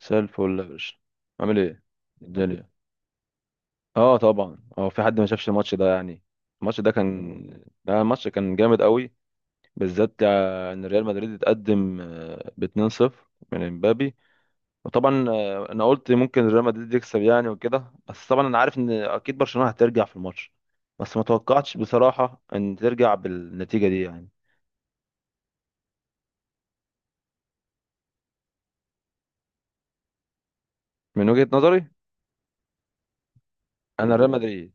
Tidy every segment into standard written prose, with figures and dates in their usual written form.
مساء الفل يا باشا، عامل ايه؟ الدنيا. اه طبعا، في حد ما شافش الماتش ده يعني. الماتش كان جامد قوي، بالذات ان ريال مدريد اتقدم ب 2-0 من امبابي. وطبعا انا قلت ممكن ريال مدريد يكسب يعني وكده، بس طبعا انا عارف ان اكيد برشلونة هترجع في الماتش، بس ما توقعتش بصراحة ان ترجع بالنتيجة دي يعني. من وجهة نظري انا ريال مدريد،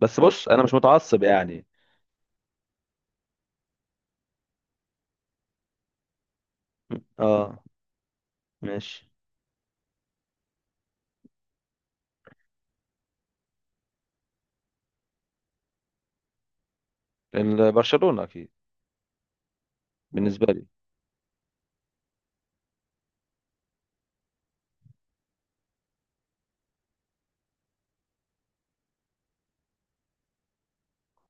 بس بص انا مش متعصب يعني. اه، ماشي. برشلونة اكيد بالنسبه لي.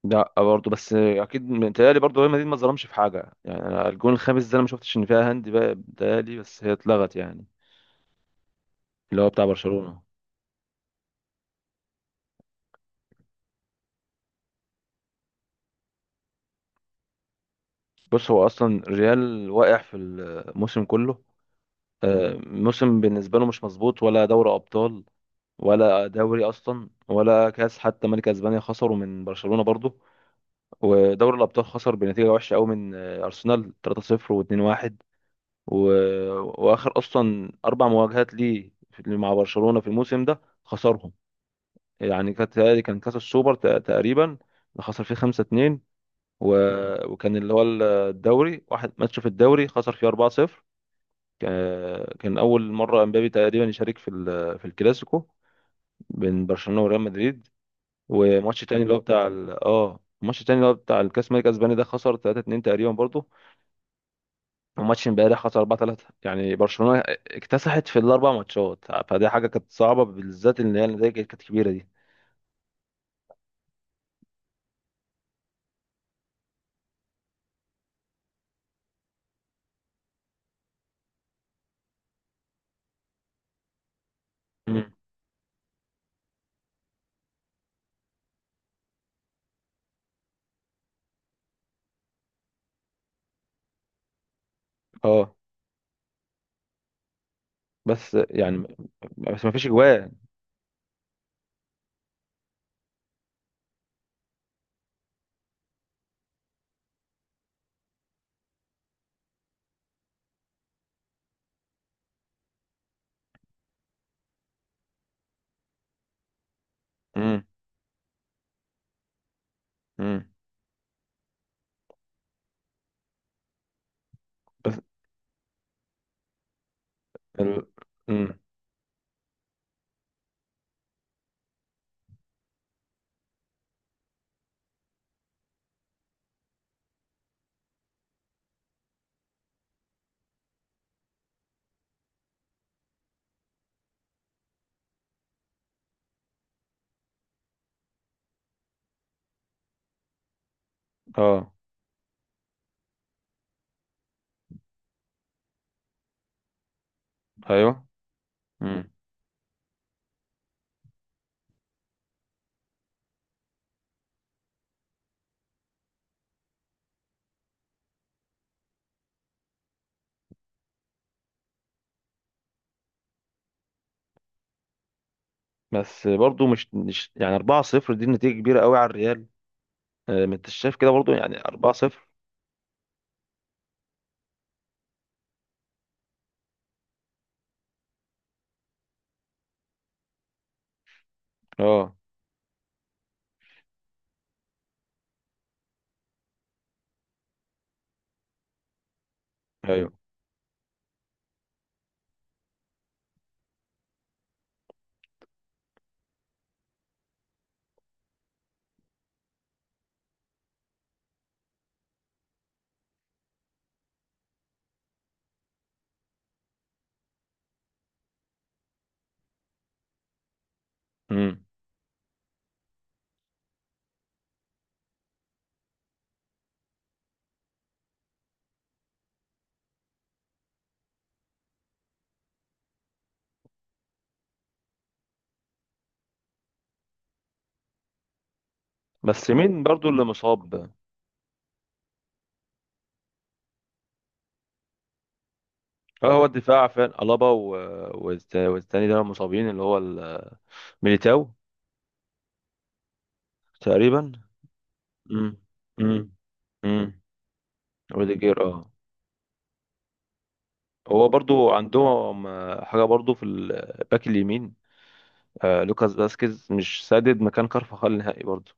لا برضه، بس اكيد متهيألي برضه ريال مدريد ما ظلمش في حاجه يعني. انا الجون الخامس ده انا ما شفتش ان فيها هاند بقى، متهيألي بس هي اتلغت يعني، اللي هو بتاع برشلونه. بص، هو اصلا ريال واقع في الموسم كله. موسم بالنسبه له مش مظبوط، ولا دوري ابطال ولا دوري اصلا ولا كاس حتى. ملك اسبانيا خسروا من برشلونه برضه، ودوري الابطال خسر بنتيجه وحشه قوي من ارسنال 3-0 و2-1. و... واخر اصلا اربع مواجهات ليه مع برشلونه في الموسم ده خسرهم. يعني كانت تهيألي كان كاس السوبر تقريبا اللي خسر فيه 5-2. و... وكان اللي هو الدوري، واحد ماتش في الدوري خسر فيه 4-0. كان اول مره امبابي تقريبا يشارك في في الكلاسيكو بين برشلونه وريال مدريد. وماتش تاني اللي هو بتاع ال... اه الماتش التاني اللي هو بتاع الكاس الملك الاسباني ده خسر 3-2 تقريبا برضه. وماتش امبارح خسر 4-3، يعني برشلونة اكتسحت في الاربع ماتشات، فدي حاجة كانت صعبة، بالذات ان هي النتائج كانت كبيرة دي. مم. اه. بس يعني م- بس ما فيش اجوان. مم. مم. بس ال... مم. اه. ايوه. مم. بس برضو مش يعني 4-0 دي نتيجة كبيرة قوي على الريال. ما انت شايف كده برضو، يعني 4-0. اه. ايوه. مم. بس مين برضو اللي مصاب؟ اه، هو الدفاع فعلا الابا والتاني ده مصابين، اللي هو ميليتاو تقريبا. امم. امم. امم. روديجير اه. هو برضو عندهم حاجه برضو في الباك اليمين، آه لوكاس فاسكيز مش سادد مكان كارفاخال نهائي برضو.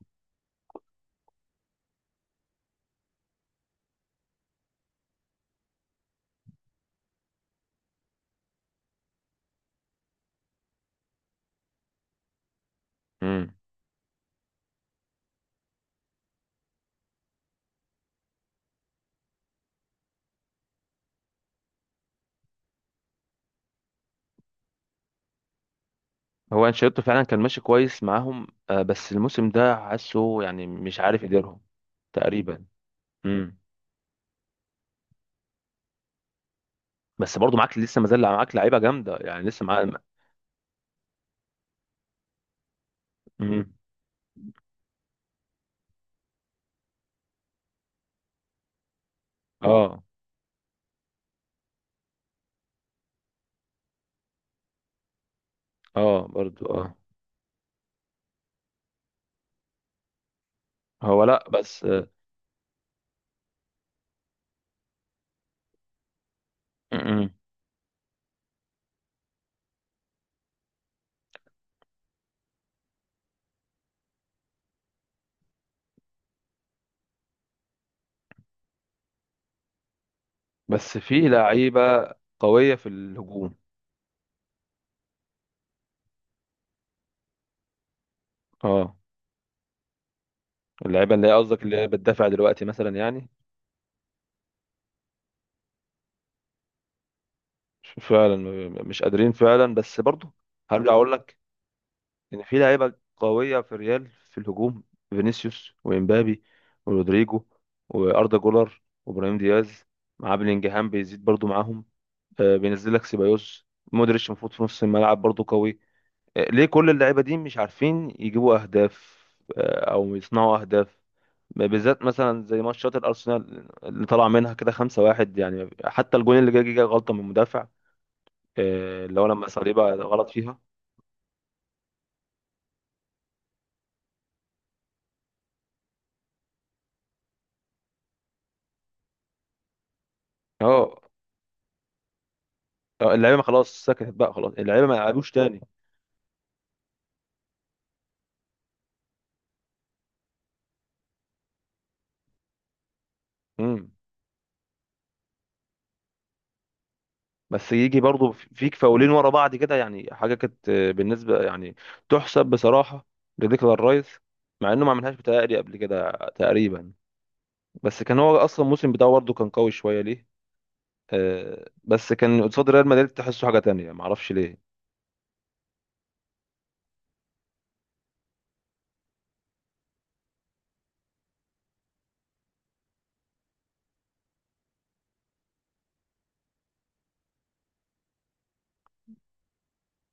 امم. هو انشيلوتي فعلا كان ماشي كويس معاهم آه، بس الموسم ده حاسه يعني مش عارف يديرهم. تقريبا. امم. بس برضو معاك لسه، ما زال معاك لعيبه جامده يعني لسه معاك. امم. اه. اه. برضو اه. هو لا بس. بس في لعيبة قوية في الهجوم. اه، اللعيبة اللي هي قصدك اللي هي بتدافع دلوقتي مثلا يعني. مش قادرين فعلا بس برضه. هرجع اقول لك ان في لعيبة قوية في ريال في الهجوم، فينيسيوس وامبابي ورودريجو واردا جولر وابراهيم دياز، مع بلينجهام بيزيد برضه معاهم. آه، بينزل لك سيبايوس مودريتش المفروض في نص الملعب برضه قوي. آه، ليه كل اللعيبة دي مش عارفين يجيبوا اهداف آه او يصنعوا اهداف؟ بالذات مثلا زي ماتشات الارسنال اللي طلع منها كده 5-1، يعني حتى الجون اللي جه غلطه من المدافع، اللي هو لما صليبا غلط فيها. اه. اللعيبه ما خلاص سكتت بقى، خلاص اللعيبه ما يلعبوش تاني. امم. بس يجي برضو فيك فاولين ورا بعض كده، يعني حاجه كانت بالنسبه يعني تحسب بصراحه لديكلان رايس، مع انه ما عملهاش بتهيألي قبل كده تقريبا، بس كان هو اصلا الموسم بتاعه برضه كان قوي شويه ليه. بس كان قصاد ريال مدريد تحسه حاجه تانية ما اعرفش ليه.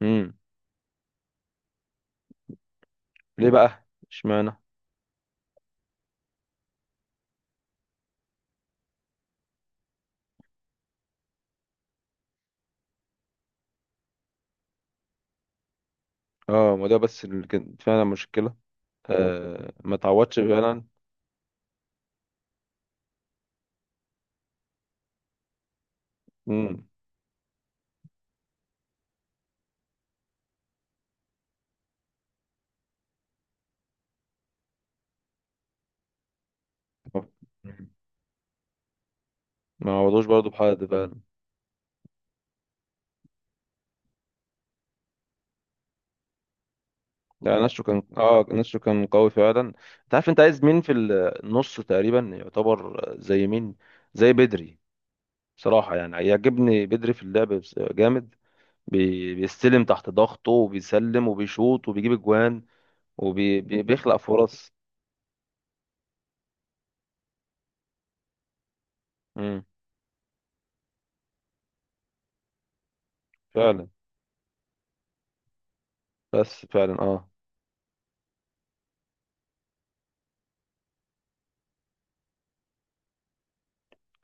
امم. ليه بقى اشمعنى؟ اه، ما ده بس اللي كانت فعلا مشكلة. آه، ما تعوضش فعلا. مم. ما عوضوش برضه بحد فعلا. يعني نشو كان اه، نشو كان قوي فعلا. انت عارف انت عايز مين في النص؟ تقريبا يعتبر زي مين؟ زي بدري. صراحة يعني يعجبني بدري في اللعب، جامد، بيستلم تحت ضغطه وبيسلم وبيشوط وبيجيب اجوان وبيخلق فرص. امم. فعلا، بس فعلا اه.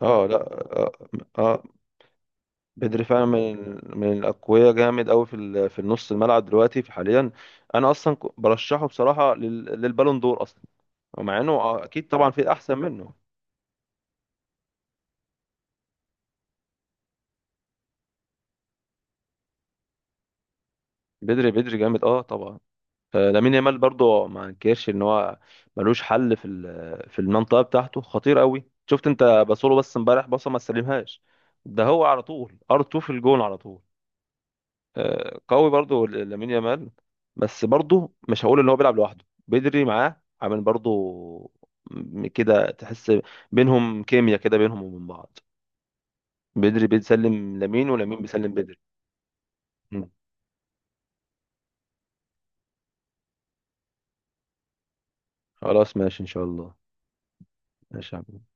اه. لا. اه. آه. بدري فعلا من الاقوياء، جامد قوي في في النص الملعب دلوقتي في حاليا. انا اصلا برشحه بصراحه للبالون دور اصلا. مع انه اكيد طبعا في احسن منه. بدري بدري جامد اه طبعا. لامين يامال برضو ما انكرش ان هو ملوش حل في في المنطقه بتاعته، خطير قوي. شفت انت بصوله؟ بس امبارح بصه ما استلمهاش، ده هو على طول ار 2 في الجون على طول. قوي برضو لامين يامال. بس برضو مش هقول ان هو بيلعب لوحده، بدري معاه عامل برضو كده تحس بينهم كيمياء كده بينهم وبين بعض. بدري بيسلم لامين، ولامين بيسلم بدري. مم. خلاص ماشي ان شاء الله. ماشي يا عم.